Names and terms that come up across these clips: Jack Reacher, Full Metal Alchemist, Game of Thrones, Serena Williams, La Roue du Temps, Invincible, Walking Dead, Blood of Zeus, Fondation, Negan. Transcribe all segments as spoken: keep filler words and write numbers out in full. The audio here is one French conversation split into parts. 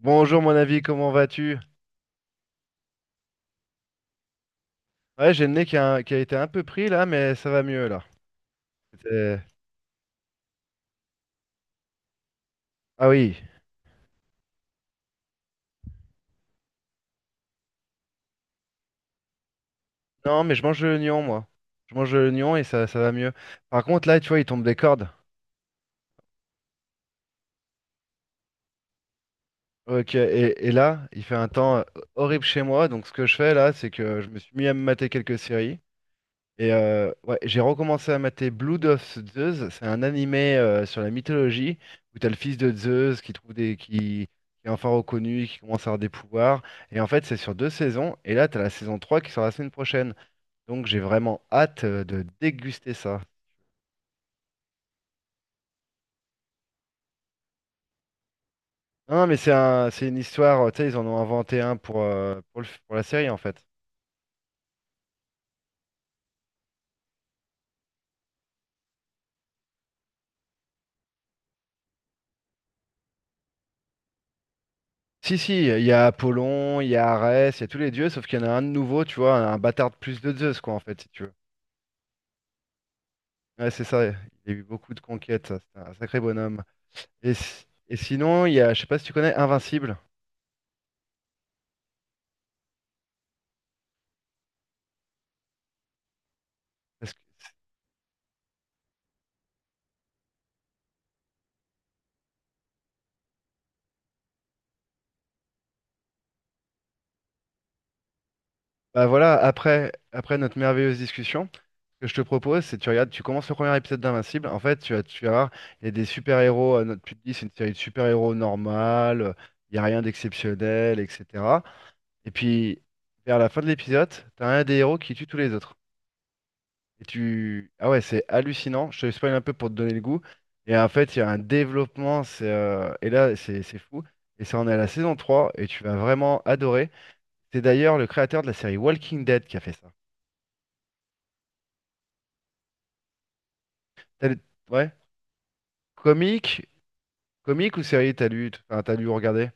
Bonjour mon ami, comment vas-tu? Ouais, j'ai le nez qui a, qui a été un peu pris là, mais ça va mieux là. C'était- Ah oui. Non, mais je mange de l'oignon moi. Je mange de l'oignon et ça, ça va mieux. Par contre là, tu vois, il tombe des cordes. Ok, et, et là, il fait un temps euh, horrible chez moi, donc ce que je fais là, c'est que je me suis mis à me mater quelques séries. Et euh, ouais, j'ai recommencé à mater Blood of Zeus. C'est un animé euh, sur la mythologie où t'as le fils de Zeus qui trouve des qui, qui est enfin reconnu, qui commence à avoir des pouvoirs. Et en fait, c'est sur deux saisons. Et là, t'as la saison trois qui sort la semaine prochaine. Donc j'ai vraiment hâte euh, de déguster ça. Non, mais c'est un, c'est une histoire. euh, Tu sais, ils en ont inventé un pour euh, pour le- pour la série en fait. Si, si, il y a Apollon, il y a Arès, il y a tous les dieux, sauf qu'il y en a un de nouveau, tu vois, un bâtard de plus de Zeus, quoi, en fait, si tu veux. Ouais, c'est ça, il a eu beaucoup de conquêtes, ça, c'est un sacré bonhomme. Et, si- et sinon, il y a, je sais pas si tu connais Invincible. Parce que- Bah voilà, après, après notre merveilleuse discussion, ce que je te propose, c'est tu regardes, tu commences le premier épisode d'Invincible. En fait, tu vas, tu vas voir, il y a des super-héros, euh, notre- tu te dis, c'est une série de super-héros normale, euh, il n'y a rien d'exceptionnel, et cetera. Et puis, vers la fin de l'épisode, tu as un des héros qui tue tous les autres. Et tu... Ah ouais, c'est hallucinant. Je te spoil un peu pour te donner le goût. Et en fait, il y a un développement. c'est, euh, Et là, c'est c'est fou. Et ça en est à la saison trois. Et tu vas vraiment adorer. C'est d'ailleurs le créateur de la série Walking Dead qui a fait ça. T'as lu- Ouais. Comique? Comique ou série, t'as lu... enfin, t'as lu ou regardé?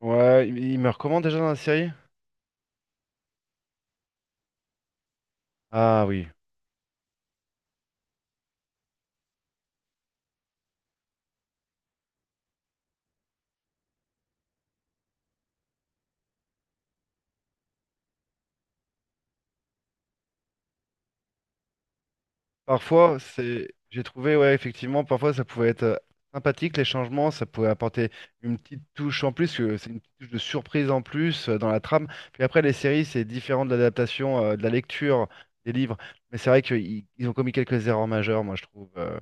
Ouais, il il me recommande déjà dans la série? Ah oui. Parfois, c'est, j'ai trouvé, ouais, effectivement, parfois ça pouvait être euh, sympathique les changements, ça pouvait apporter une petite touche en plus, que c'est une petite touche de surprise en plus euh, dans la trame. Puis après, les séries, c'est différent de l'adaptation, euh, de la lecture des livres. Mais c'est vrai qu'ils ils ont commis quelques erreurs majeures, moi je trouve. euh.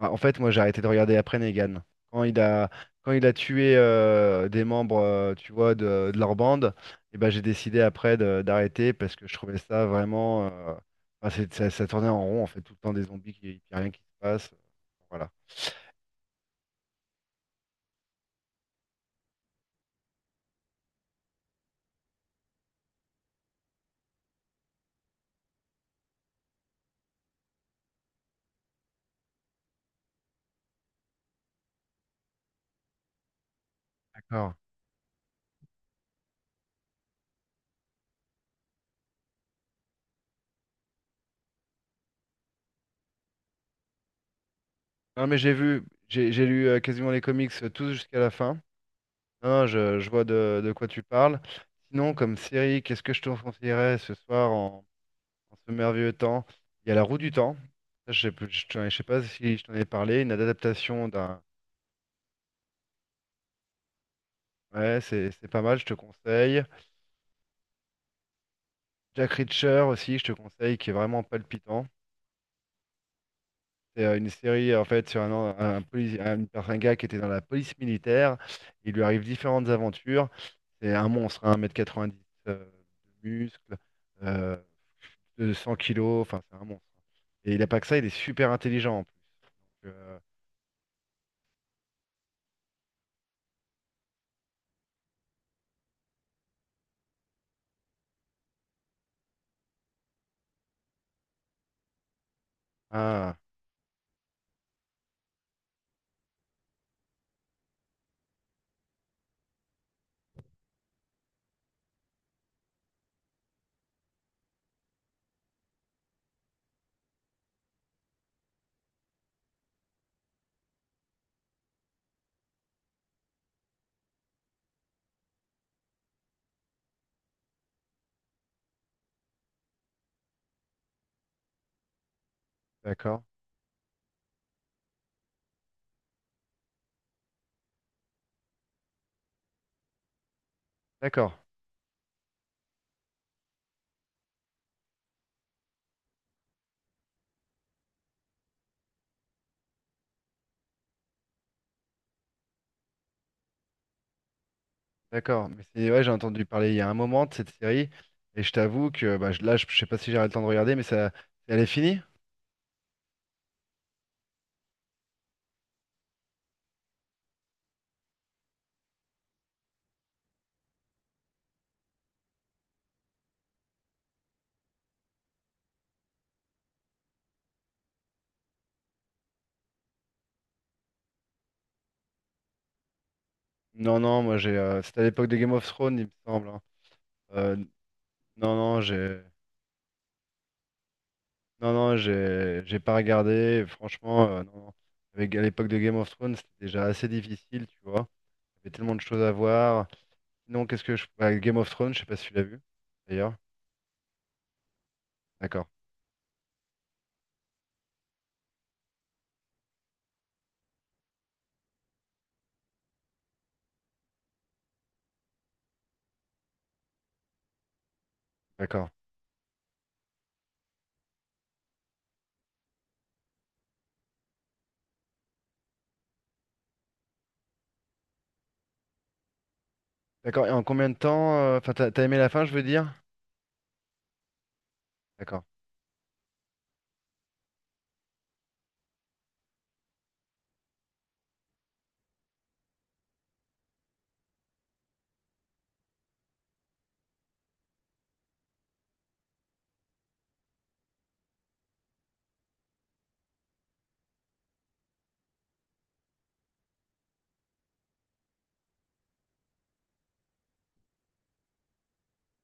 Ah, en fait, moi j'ai arrêté de regarder après Negan. Quand il a, quand il a tué euh, des membres, euh, tu vois, de, de leur bande, et ben j'ai décidé après de- d'arrêter parce que je trouvais ça vraiment. euh, Enfin, c'est ça ça tournait en rond, en fait, tout le temps des zombies qui, puis rien qui se passe. Voilà. D'accord. Non, mais j'ai vu, j'ai j'ai lu euh, quasiment les comics euh, tous jusqu'à la fin. Non, je, je vois de, de quoi tu parles. Sinon, comme série, qu'est-ce que je te conseillerais ce soir en, en ce merveilleux temps? Il y a La Roue du Temps. Ça, Je sais, plus- je, t'en- Je sais pas si je t'en ai parlé. Une adaptation d'un. Ouais, c'est c'est pas mal, je te conseille. Jack Reacher aussi, je te conseille, qui est vraiment palpitant. C'est euh, une série en fait sur un, an- un, polici- un- un gars qui était dans la police militaire. Il lui arrive différentes aventures. C'est un monstre, hein, un mètre quatre-vingt-dix euh, de muscles, euh, de cent kilos, enfin c'est un monstre. Et il a pas que ça, il est super intelligent en plus. Donc, euh, ah, d'accord, d'accord, d'accord. Mais c'est, ouais, j'ai entendu parler il y a un moment de cette série. Et je t'avoue que bah, je- là, je, je sais pas si j'aurai le temps de regarder, mais ça, elle est finie? Non, non, moi j'ai, euh, c'était à l'époque de Game of Thrones, il me semble, hein. Euh, Non, non, j'ai non, non, j'ai j'ai pas regardé. Franchement, euh, non, non. Avec, à l'époque de Game of Thrones, c'était déjà assez difficile, tu vois. Il y avait tellement de choses à voir. Sinon, qu'est-ce que je. Bah, Game of Thrones, je sais pas si tu l'as vu, d'ailleurs. D'accord, d'accord. D'accord, et en combien de temps? euh, Enfin, t'as t'as aimé la fin, je veux dire? D'accord.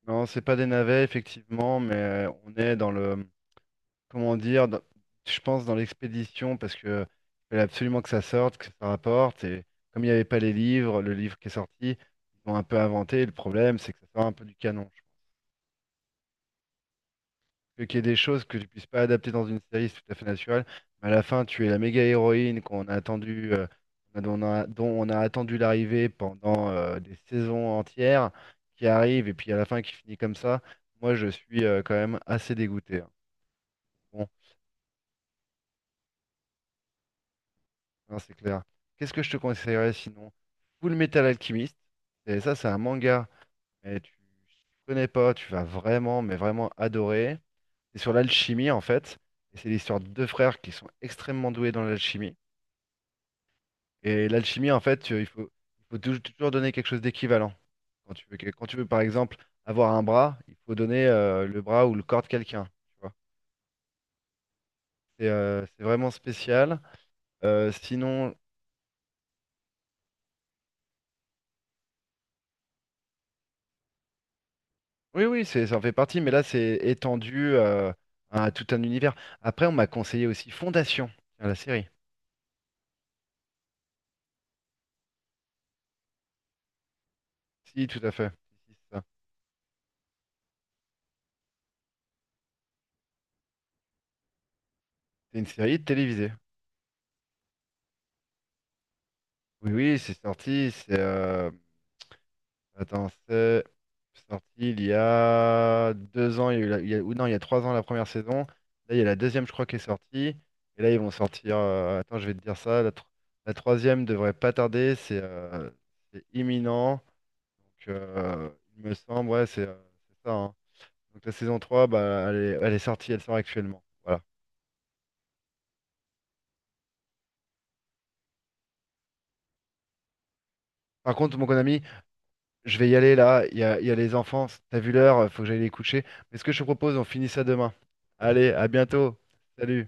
Non, c'est pas des navets, effectivement, mais euh, on est dans le, comment dire, dans- je pense dans l'expédition, parce que il fallait absolument que ça sorte, que ça rapporte. Et comme il n'y avait pas les livres, le livre qui est sorti, ils ont un peu inventé. Le problème, c'est que ça sort un peu du canon. Je pense que qu'il y ait des choses que tu puisses pas adapter dans une série, c'est tout à fait naturel. Mais à la fin, tu es la méga héroïne qu'on a attendu, euh, dont on a, dont on a attendu l'arrivée pendant euh, des saisons entières, qui arrive et puis à la fin qui finit comme ça. Moi, je suis euh, quand même assez dégoûté, hein. Bon, non, c'est clair. Qu'est-ce que je te conseillerais sinon? Full Metal Alchemist. Et ça, c'est un manga. Mais tu tu connais pas, tu vas vraiment, mais vraiment adorer. C'est sur l'alchimie, en fait. Et c'est l'histoire de deux frères qui sont extrêmement doués dans l'alchimie. Et l'alchimie, en fait, tu- il faut, il faut tou- toujours donner quelque chose d'équivalent. Quand tu veux, que- quand tu veux, par exemple, avoir un bras, il faut donner euh, le bras ou le corps de quelqu'un. Tu vois. C'est euh, c'est vraiment spécial. Euh, sinon, oui, oui, c'est, ça en fait partie, mais là, c'est étendu euh, à tout un univers. Après, on m'a conseillé aussi Fondation, tiens, la série. Si, tout à fait. Si, si, c'est ça. C'est une série télévisée. Oui, oui, c'est sorti. C'est euh, attends, c'est sorti il y a deux ans. Il y a eu la- il y a- ou non, il y a trois ans la première saison. Là, il y a la deuxième, je crois, qui est sortie. Et là, ils vont sortir. euh, attends, je vais te dire ça. La, tro- la troisième devrait pas tarder. C'est euh, c'est imminent. Donc, euh, il me semble, ouais, c'est euh, c'est ça, hein. Donc la saison trois, bah, elle est, elle est sortie, elle sort actuellement. Voilà. Par contre, mon ami, je vais y aller là, il y a, il y a les enfants, t'as vu l'heure, faut que j'aille les coucher. Mais ce que je te propose, on finit ça demain. Allez, à bientôt. Salut.